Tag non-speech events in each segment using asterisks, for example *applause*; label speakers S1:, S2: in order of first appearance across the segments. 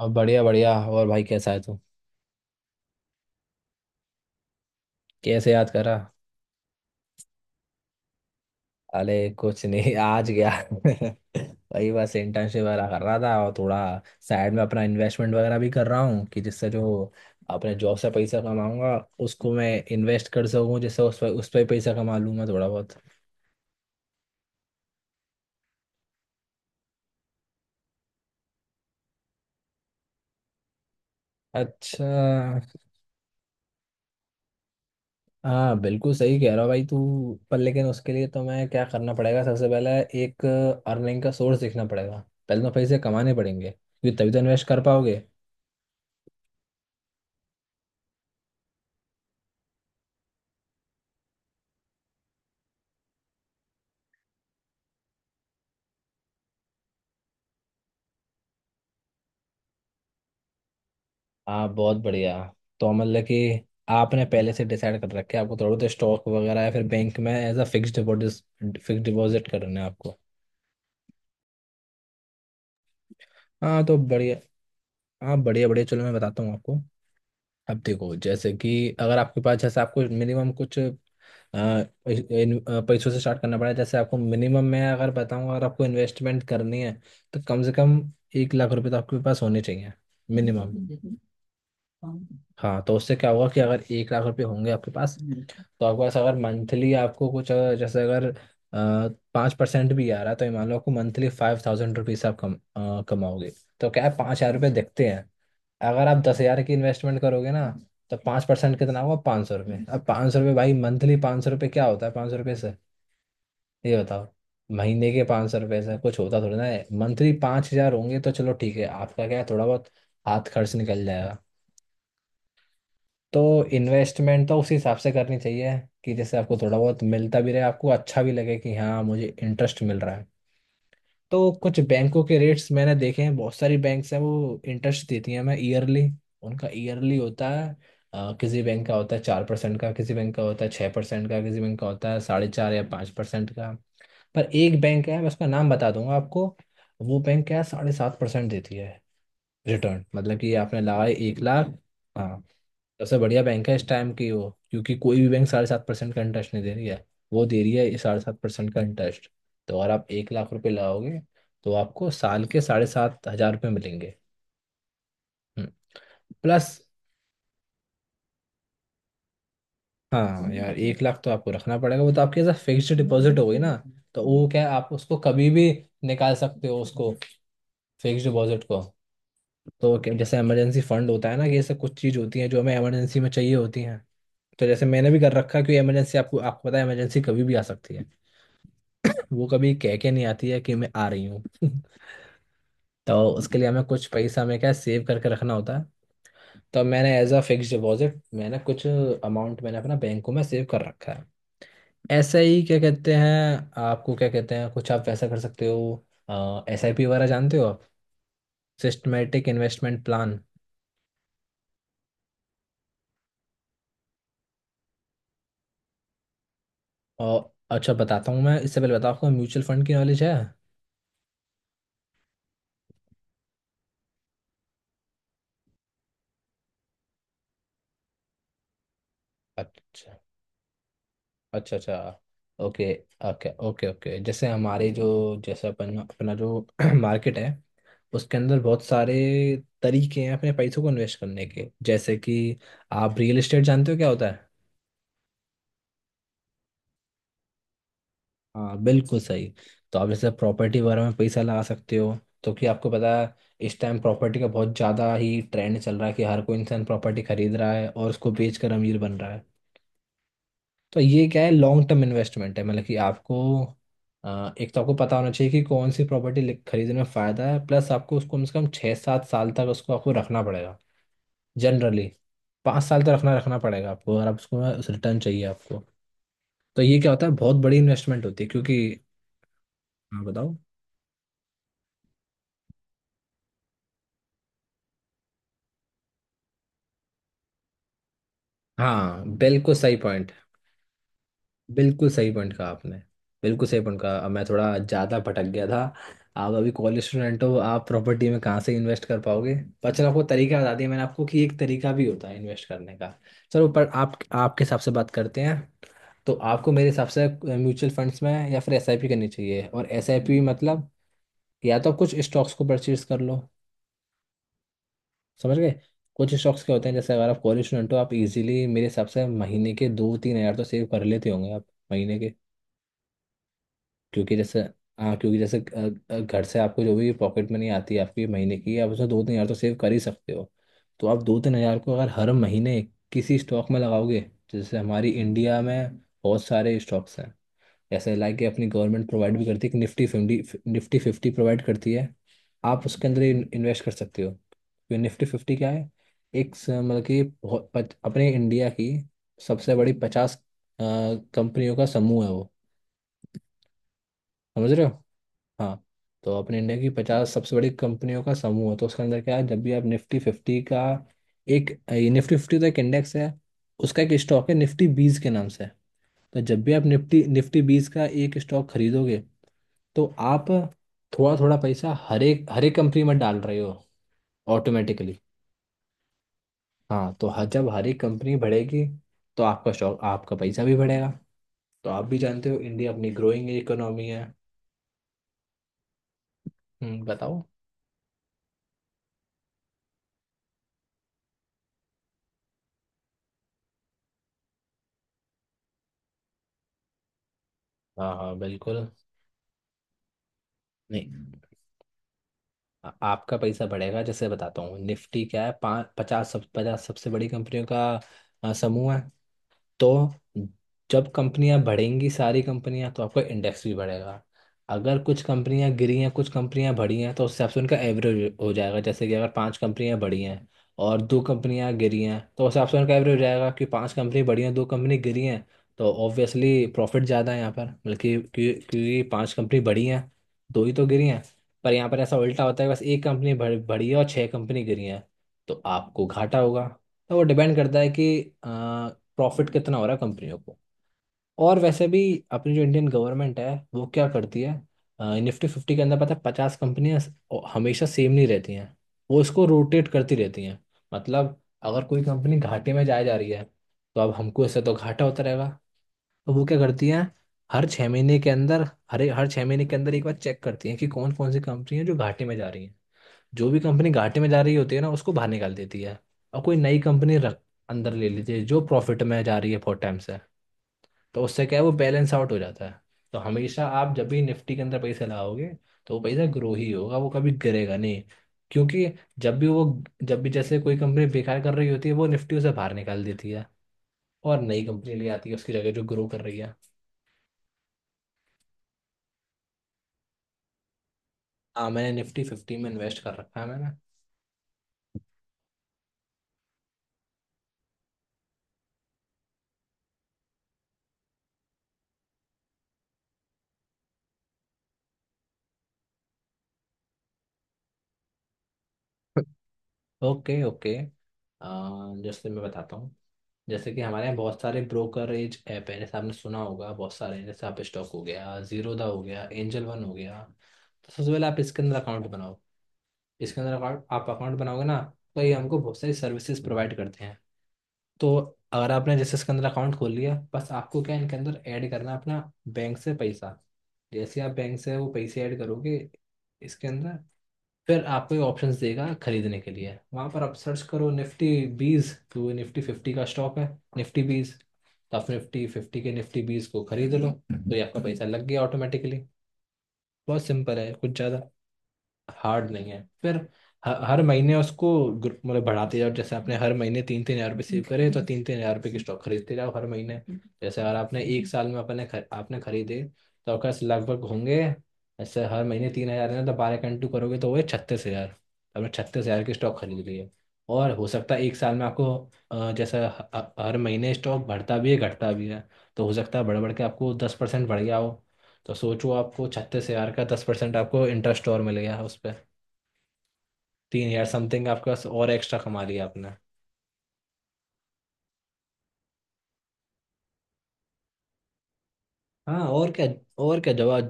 S1: अब बढ़िया बढ़िया और भाई कैसा है तू। कैसे याद करा? अरे कुछ नहीं, आज गया *laughs* वही बस इंटर्नशिप वगैरह कर रहा था, और थोड़ा साइड में अपना इन्वेस्टमेंट वगैरह भी कर रहा हूँ कि जिससे जो अपने जॉब से पैसा कमाऊंगा उसको मैं इन्वेस्ट कर सकूँ, जिससे उस पर ही पैसा कमा लूँ मैं थोड़ा बहुत। अच्छा। हाँ, बिल्कुल सही कह रहा भाई तू। पर लेकिन उसके लिए तो मैं क्या करना पड़ेगा सबसे पहले, एक अर्निंग का सोर्स देखना पड़ेगा। पहले तो पैसे कमाने पड़ेंगे क्योंकि तभी तो इन्वेस्ट कर पाओगे। आप बहुत बढ़िया। तो मतलब कि आपने पहले से डिसाइड कर रखे, आपको थोड़ा तो स्टॉक वगैरह या फिर बैंक में एज अ फिक्स डिपॉजिट करना है आपको। हाँ तो बढ़िया। हाँ, बढ़िया बढ़िया, चलो मैं बताता हूँ आपको। अब देखो जैसे कि अगर आपके पास, जैसे आपको मिनिमम कुछ आ, इस- इन- आ, पैसों से स्टार्ट करना पड़ा, जैसे आपको मिनिमम मैं अगर बताऊं, अगर आपको इन्वेस्टमेंट करनी है तो कम से कम 1 लाख रुपए तो आपके पास होने चाहिए मिनिमम। हाँ, तो उससे क्या होगा कि अगर 1 लाख रुपए होंगे आपके पास, तो आपके पास अगर मंथली आपको कुछ, अगर जैसे अगर 5% भी आ रहा है तो ये मान लो, आपको मंथली 5,000 रुपीज आप कम कमाओगे। तो क्या है, 5,000 रुपये दिखते हैं। अगर आप 10,000 की इन्वेस्टमेंट करोगे ना, तो 5% कितना होगा? 500 रुपये। अब 500 रुपये, भाई मंथली 500 रुपये क्या होता है? 500 रुपये से ये बताओ, महीने के 500 रुपये से कुछ होता थोड़ी ना है। मंथली 5,000 होंगे तो चलो ठीक है, आपका क्या है, थोड़ा बहुत हाथ खर्च निकल जाएगा। तो इन्वेस्टमेंट तो उस हिसाब से करनी चाहिए कि जैसे आपको थोड़ा बहुत मिलता भी रहे, आपको अच्छा भी लगे कि हाँ मुझे इंटरेस्ट मिल रहा है। तो कुछ बैंकों के रेट्स मैंने देखे हैं, बहुत सारी बैंक्स हैं वो इंटरेस्ट देती हैं हमें ईयरली। उनका ईयरली होता है। किसी बैंक का होता है 4% का, किसी बैंक का होता है 6% का, किसी बैंक का होता है 4.5 या 5% का। पर एक बैंक है, मैं उसका नाम बता दूंगा आपको। वो बैंक क्या है, 7.5% देती है रिटर्न। मतलब कि आपने लगाए 1 लाख। हाँ। सबसे बढ़िया बैंक है इस टाइम की वो, क्योंकि कोई भी बैंक 7.5% का इंटरेस्ट नहीं दे रही है। वो दे रही है 7.5% का इंटरेस्ट। तो अगर आप 1 लाख रुपए लगाओगे तो आपको साल के 7,500 रुपये मिलेंगे। हम्म, प्लस। हाँ यार, 1 लाख तो आपको रखना पड़ेगा, वो तो आपकी ऐसा फिक्स्ड डिपॉजिट हो गई ना। तो वो क्या है, आप उसको कभी भी निकाल सकते हो उसको, फिक्स्ड डिपॉजिट को। तो क्या- जैसे इमरजेंसी फंड होता है ना, कि ऐसे कुछ चीज़ होती हैं जो हमें इमरजेंसी में चाहिए होती हैं। तो जैसे मैंने भी कर रखा है कि इमरजेंसी, आपको आपको पता है इमरजेंसी कभी भी आ सकती है, वो कभी कह के नहीं आती है कि मैं आ रही हूँ *laughs* तो उसके लिए हमें कुछ पैसा हमें क्या सेव करके रखना होता है। तो मैंने एज अ फिक्स डिपॉजिट मैंने कुछ अमाउंट मैंने अपना बैंकों में सेव कर रखा है। ऐसा ही क्या कहते हैं, आपको क्या कहते हैं, कुछ आप वैसा कर सकते हो SIP वगैरह, जानते हो आप? Systematic investment plan. और अच्छा बताता हूँ, मैं इससे पहले बताओ आपको म्यूचुअल फंड की नॉलेज है? अच्छा अच्छा अच्छा। Okay okay okay okay. जैसे हमारे जो जैसे अपन अपना जो *clears throat* मार्केट है, उसके अंदर बहुत सारे तरीके हैं अपने पैसों को इन्वेस्ट करने के, जैसे कि आप रियल एस्टेट जानते हो क्या होता है? हाँ बिल्कुल सही। तो आप जैसे प्रॉपर्टी वगैरह में पैसा लगा सकते हो। तो कि आपको पता है इस टाइम प्रॉपर्टी का बहुत ज़्यादा ही ट्रेंड चल रहा है कि हर कोई इंसान प्रॉपर्टी खरीद रहा है और उसको बेच कर अमीर बन रहा है। तो ये क्या है, लॉन्ग टर्म इन्वेस्टमेंट है। मतलब कि आपको एक तो आपको पता होना चाहिए कि कौन सी प्रॉपर्टी खरीदने में फ़ायदा है, प्लस आपको उसको कम से कम 6-7 साल तक उसको आपको रखना पड़ेगा। जनरली 5 साल तक रखना रखना पड़ेगा आपको, अगर आप उसको रिटर्न चाहिए आपको। तो ये क्या होता है, बहुत बड़ी इन्वेस्टमेंट होती है क्योंकि। हाँ बताओ। हाँ बिल्कुल सही पॉइंट, बिल्कुल सही पॉइंट कहा आपने। बिल्कुल सही पॉइंट कहा, अब मैं थोड़ा ज़्यादा भटक गया था। आप अभी कॉलेज स्टूडेंट हो, आप प्रॉपर्टी में कहाँ से इन्वेस्ट कर पाओगे। पर चलो, आपको तरीका बता दिया मैंने आपको कि एक तरीका भी होता है इन्वेस्ट करने का। चलो, पर आप आपके हिसाब से बात करते हैं। तो आपको मेरे हिसाब से म्यूचुअल फंड्स में या फिर एसआईपी करनी चाहिए, और एसआईपी मतलब, या तो आप कुछ स्टॉक्स को परचेज कर लो। समझ गए? कुछ स्टॉक्स क्या होते हैं, जैसे अगर आप कॉलेज स्टूडेंट हो, आप इजीली मेरे हिसाब से महीने के 2-3 हज़ार तो सेव कर लेते होंगे आप, महीने के। क्योंकि जैसे, हाँ क्योंकि जैसे घर से आपको जो भी पॉकेट मनी आती है आपकी महीने की, आप उसमें 2-3 हज़ार तो सेव कर ही सकते हो। तो आप 2-3 हज़ार को अगर हर महीने किसी स्टॉक में लगाओगे, जैसे हमारी इंडिया में बहुत सारे स्टॉक्स हैं, जैसे लाइक कि अपनी गवर्नमेंट प्रोवाइड भी करती है कि Nifty 50, Nifty 50 प्रोवाइड करती है। आप उसके अंदर इन्वेस्ट कर सकते हो, क्योंकि Nifty 50 क्या है, एक स- मतलब कि बहुत पच- अपने इंडिया की सबसे बड़ी 50 कंपनियों का समूह है वो। समझ रहे हो? हाँ। तो अपने इंडिया की 50 सबसे बड़ी कंपनियों का समूह है। तो उसके अंदर क्या है, जब भी आप Nifty 50 का एक, निफ्टी फिफ्टी तो एक इंडेक्स है, उसका एक स्टॉक है Nifty 20 के नाम से। तो जब भी आप निफ्टी निफ्टी बीस का एक स्टॉक खरीदोगे, तो आप थोड़ा थोड़ा पैसा हर एक कंपनी में डाल रहे हो ऑटोमेटिकली। हाँ, तो हर जब हर एक कंपनी बढ़ेगी तो आपका स्टॉक, आपका पैसा भी बढ़ेगा। तो आप भी जानते हो इंडिया अपनी ग्रोइंग इकोनॉमी है। बताओ। हाँ हाँ बिल्कुल, नहीं आपका पैसा बढ़ेगा। जैसे बताता हूँ, निफ्टी क्या है, पाँच पचास सब 50 सबसे बड़ी कंपनियों का समूह है। तो जब कंपनियां बढ़ेंगी सारी कंपनियां, तो आपका इंडेक्स भी बढ़ेगा। अगर कुछ कंपनियां गिरी हैं कुछ कंपनियां बढ़ी हैं, तो उस हिसाब से उनका एवरेज हो जाएगा, जैसे कि अगर 5 कंपनियां बढ़ी हैं और 2 कंपनियां गिरी हैं, तो उस हिसाब से उनका एवरेज हो जाएगा कि 5 कंपनी बढ़ी हैं, 2 कंपनी गिरी हैं, तो ऑब्वियसली प्रॉफिट ज़्यादा है यहाँ पर। बल्कि क्योंकि 5 कंपनी बढ़ी हैं, दो ही तो गिरी हैं। पर यहाँ पर ऐसा उल्टा होता है कि बस 1 कंपनी बढ़ी है और 6 कंपनी गिरी हैं, तो आपको घाटा होगा। तो वो डिपेंड करता है कि प्रॉफिट कितना हो रहा है कंपनियों को। और वैसे भी, अपनी जो इंडियन गवर्नमेंट है वो क्या करती है, Nifty 50 के अंदर पता है, 50 कंपनियां हमेशा सेम नहीं रहती हैं, वो इसको रोटेट करती रहती हैं। मतलब अगर कोई कंपनी घाटे में जाए जा रही है तो अब हमको इससे तो घाटा होता रहेगा। तो वो क्या करती हैं, हर 6 महीने के अंदर, हर हर 6 महीने के अंदर एक बार चेक करती हैं कि कौन कौन सी कंपनी है जो घाटे में जा रही हैं। जो भी कंपनी घाटे में जा रही होती है ना उसको बाहर निकाल देती है, और कोई नई कंपनी रख, अंदर ले लीजिए जो प्रॉफिट में जा रही है फोर टाइम। तो उससे क्या है, वो बैलेंस आउट हो जाता है। तो हमेशा आप जब भी निफ्टी के अंदर पैसे लगाओगे, तो वो पैसा ग्रो ही होगा, वो कभी गिरेगा नहीं। क्योंकि जब भी वो, जब भी जैसे कोई कंपनी बेकार कर रही होती है वो निफ्टी उसे बाहर निकाल देती है, और नई कंपनी ले आती है उसकी जगह जो ग्रो कर रही है। हाँ, मैंने Nifty 50 में इन्वेस्ट कर रखा है मैंने। ओके ओके, जैसे मैं बताता हूँ। जैसे कि हमारे यहाँ बहुत सारे ब्रोकरेज ऐप है, जैसे आपने सुना होगा बहुत सारे हैं, जैसे आप स्टॉक हो गया, जीरोधा हो गया, Angel One हो गया। तो सबसे पहले आप इसके अंदर अकाउंट बनाओ। इसके अंदर अकाउंट, आप अकाउंट बनाओगे ना, तो ये हमको बहुत सारी सर्विसेज प्रोवाइड करते हैं। तो अगर आपने जैसे इसके अंदर अकाउंट खोल लिया, बस आपको क्या है, इनके अंदर ऐड करना है अपना बैंक से पैसा। जैसे आप बैंक से वो पैसे ऐड करोगे इसके अंदर, फिर आपको ये ऑप्शंस देगा खरीदने के लिए। वहाँ पर आप सर्च करो Nifty 20, तो वो Nifty 50 का स्टॉक है Nifty 20। तो आप Nifty 50 के Nifty 20 को खरीद लो, तो ये आपका पैसा लग गया ऑटोमेटिकली। बहुत सिंपल है, कुछ ज़्यादा हार्ड नहीं है। फिर हर महीने उसको ग्रुप मतलब बढ़ाते जाओ, जैसे आपने हर महीने 3-3 हजार रुपये सेव करे तो 3-3 हजार रुपये के स्टॉक खरीदते जाओ हर महीने। जैसे अगर आपने 1 साल में आपने खरीदे, तो आपके पास लगभग होंगे, ऐसे हर महीने 3,000 है तो 12 कंटू करोगे तो वो 36,000। आपने 36,000 के स्टॉक खरीद लिए। और हो सकता है 1 साल में आपको जैसा हर महीने स्टॉक बढ़ता भी है घटता भी है। तो हो सकता है बढ़ बढ़ के आपको 10% बढ़ गया हो। तो सोचो, आपको 36,000 का 10% आपको इंटरेस्ट और मिल गया उस पर। तीन यार समथिंग आपके पास और एक्स्ट्रा कमा लिया आपने। हाँ और क्या, और क्या जवाब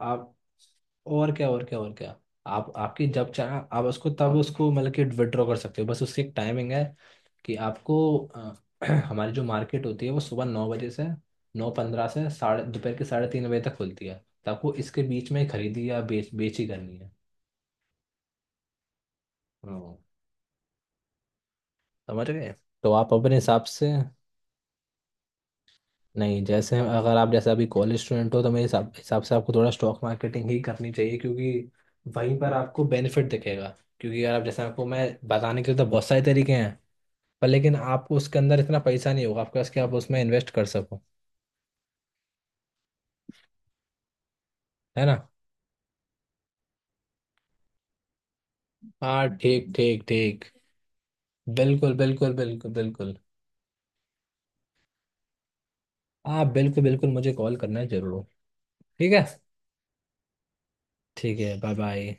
S1: और क्या और क्या और क्या। आप, आपकी जब चाहे आप उसको तब उसको मतलब कि विड्रॉ कर सकते हो, बस उसकी एक टाइमिंग है कि आपको अ, *clears throat* हमारी जो मार्केट होती है वो सुबह 9 बजे से, 9:15 से साढ़े दोपहर के 3:30 बजे तक खुलती है। तो आपको इसके बीच में खरीदी या बेची करनी है। हाँ, समझ गए। तो आप अपने हिसाब से, नहीं जैसे अगर आप जैसे अभी कॉलेज स्टूडेंट हो तो मेरे हिसाब हिसाब से आपको थोड़ा स्टॉक मार्केटिंग ही करनी चाहिए, क्योंकि वहीं पर आपको बेनिफिट दिखेगा। क्योंकि अगर आप जैसे आपको मैं बताने के लिए तो बहुत सारे तरीके हैं, पर लेकिन आपको उसके अंदर इतना पैसा नहीं होगा आपके पास कि आप उसमें इन्वेस्ट कर सको। है ना। हाँ ठीक ठीक ठीक। बिल्कुल बिल्कुल बिल्कुल बिल्कुल। आप बिल्कुल बिल्कुल मुझे कॉल करना जरूर, ठीक है। ठीक है, बाय बाय।